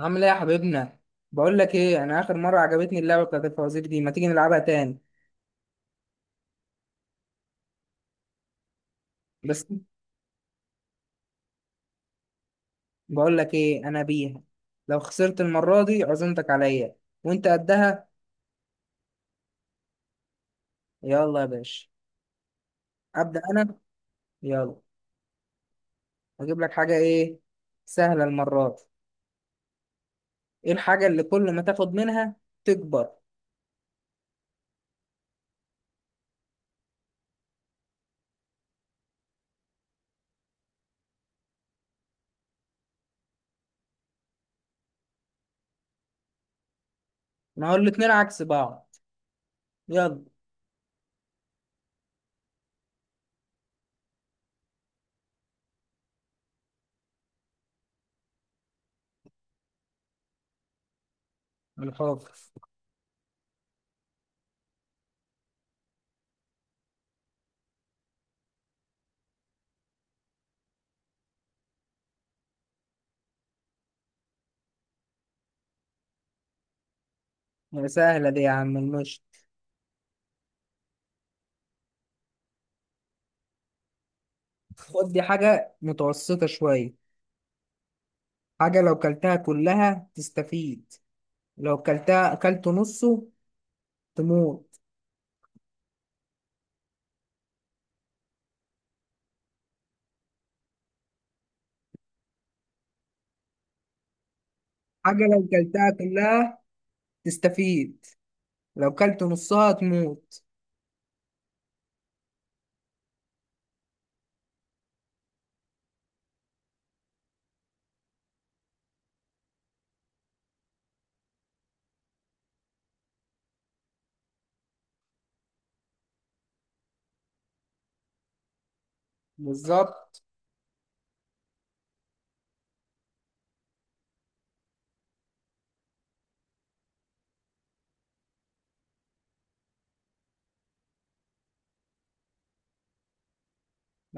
عامل ايه يا حبيبنا؟ بقول لك ايه، انا اخر مره عجبتني اللعبه بتاعت الفوازير دي. ما تيجي نلعبها تاني؟ بس. بقول لك ايه، انا بيها. لو خسرت المره دي عزمتك عليا. وانت قدها. يلا يا باشا. ابدا انا. يلا. اجيب لك حاجه ايه؟ سهله المره دي. ايه الحاجه اللي كل ما تاخد منها تكبر؟ ما هو الاتنين عكس بعض. يلا. الحفر. سهله دي يا عم، المشط. خد دي حاجه متوسطه شويه. حاجه لو كلتها كلها تستفيد، لو كلتها اكلت نصه تموت. حاجة لو كلتها كلها تستفيد، لو كلت نصها تموت. بالظبط.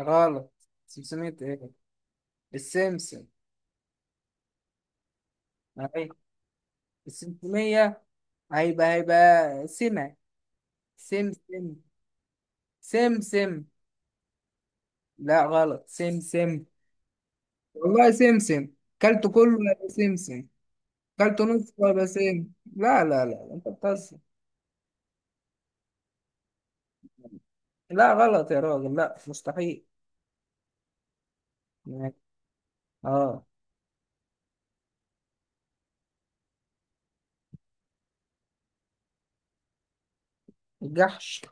غلط. 500. ايه؟ السمسم. اهي، السمسمية هيبقى سمة سمسم. سمسم. لا غلط، سمسم. والله سمسم. كلته كله يبقى سمسم، كلته نصه يبقى سم. لا لا لا، انت بتهزر. لا غلط يا راجل، لا مستحيل. اه. الجحش.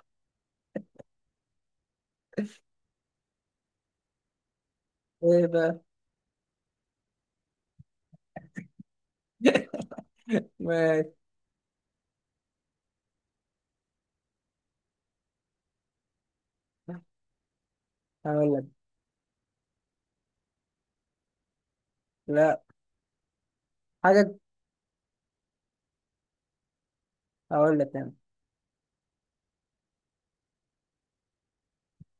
ايه بقى؟ ماشي. هقول لك. لا، حاجة. هقول لك انا.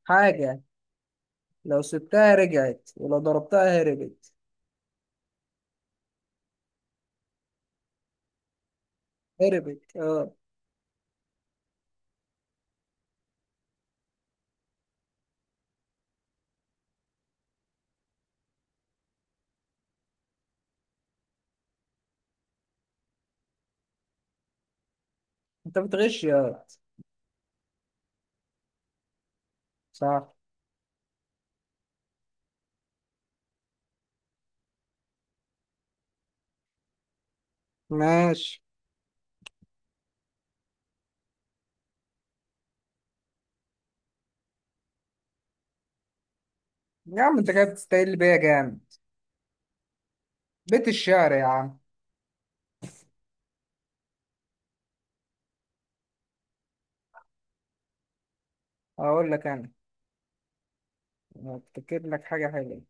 حاجة لو سبتها رجعت ولو ضربتها هربت. هربت، اه. انت بتغش يا واد. صح. ماشي يا عم. انت كده بتستقل بيا جامد. بيت الشعر يا عم. هقول لك انا، افتكر لك حاجة حلوة.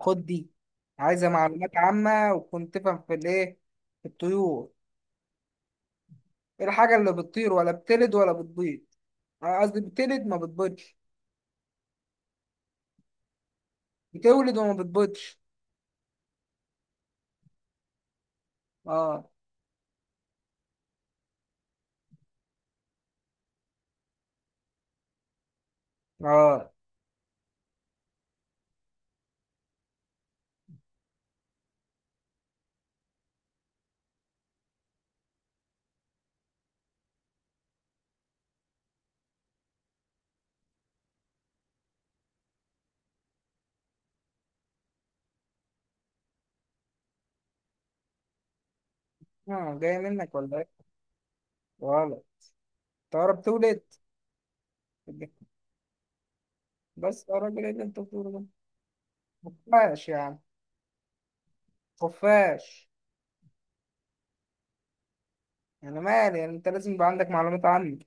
خد دي. عايزة معلومات عامة، وتكون تفهم في الايه، في الطيور. ايه الحاجة اللي بتطير ولا بتلد ولا بتبيض؟ آه، قصدي بتلد ما بتبيضش. بتولد وما بتبيضش. اه. اه. اه جاية منك ولا ايه؟ غلط. طيارة بتولد؟ بس يا راجل، ايه اللي انت بتقوله ده؟ خفاش يا عم. خفاش. انا مالي؟ يعني انت لازم يبقى عندك معلومات عني.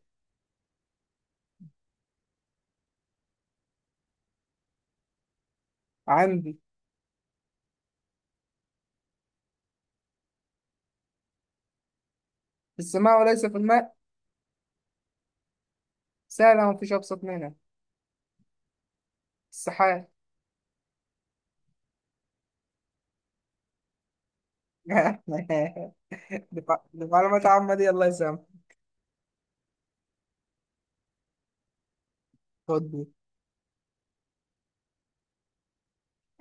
عندي. في السماء وليس في الماء. سهلة ومفيش أبسط منها. السحاب. دي معلومات عامة، دي الله يسامحك. خد دي.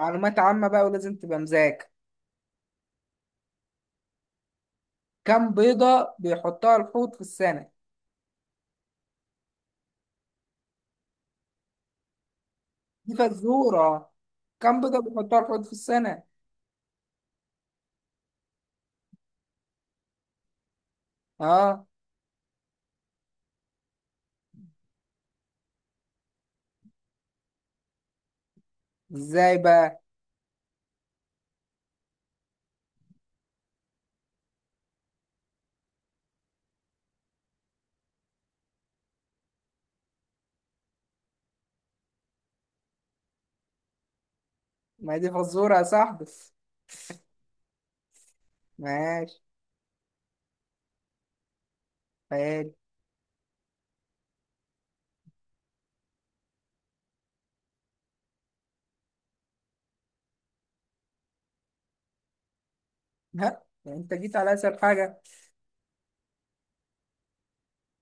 معلومات عامة بقى، ولازم تبقى مذاكر. كم بيضة بيحطها الحوت في السنة؟ دي فزورة. كم بيضة بيحطها الحوت في السنة؟ اه. ازاي بقى؟ ما هي دي فزورة يا صاحبي. ماشي. خيال. ها، يعني انت جيت على اسهل حاجة.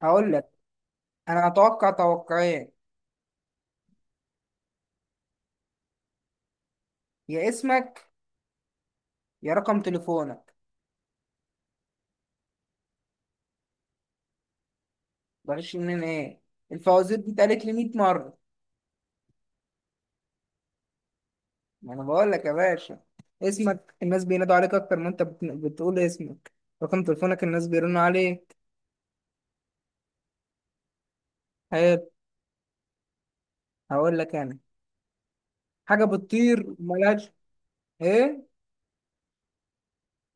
هقول لك انا، اتوقع توقعين: يا اسمك، يا رقم تليفونك. بغش منين ايه؟ الفوازير دي اتقالت لي 100 مرة. ما انا بقول لك يا باشا، اسمك الناس بينادوا عليك اكتر ما انت بتقول اسمك، رقم تليفونك الناس بيرنوا عليك. حلو. هقول لك انا، حاجة بتطير وملهاش. ايه؟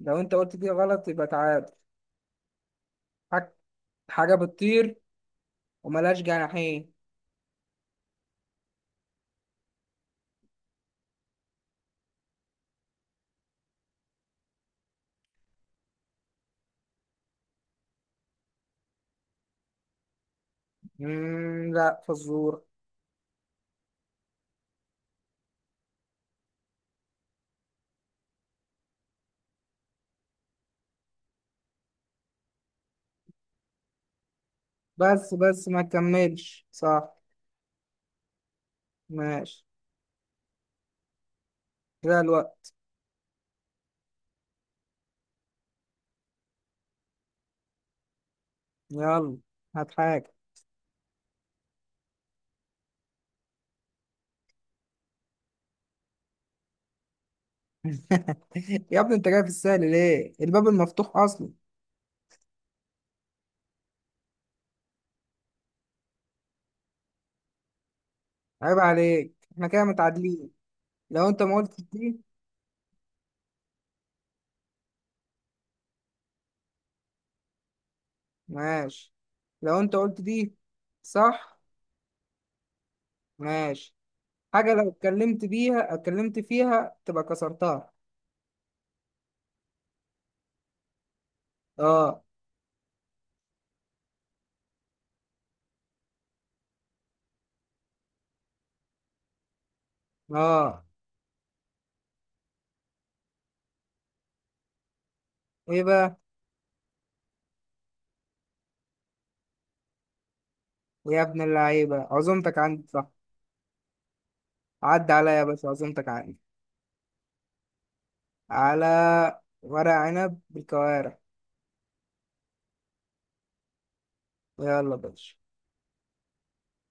لو انت قلت دي غلط يبقى تعادل. حاج- حاجة بتطير وملهاش جناحين. لا فزور. بس بس ما كملش صح. ماشي. كده الوقت. يلا، هات حاجة. يا ابني انت جاي في السهل ليه؟ الباب المفتوح اصلا. عيب عليك، احنا كده متعادلين. لو انت ما قلت دي. ماشي. لو انت قلت دي صح. ماشي. حاجة لو اتكلمت بيها، اتكلمت فيها تبقى كسرتها. اه. اه. ايه بقى؟ يا ابن اللعيبة، عزومتك عندي صح. عدى عليا بس، عزومتك عندي. على ورق عنب بالكوارع. يلا بقى.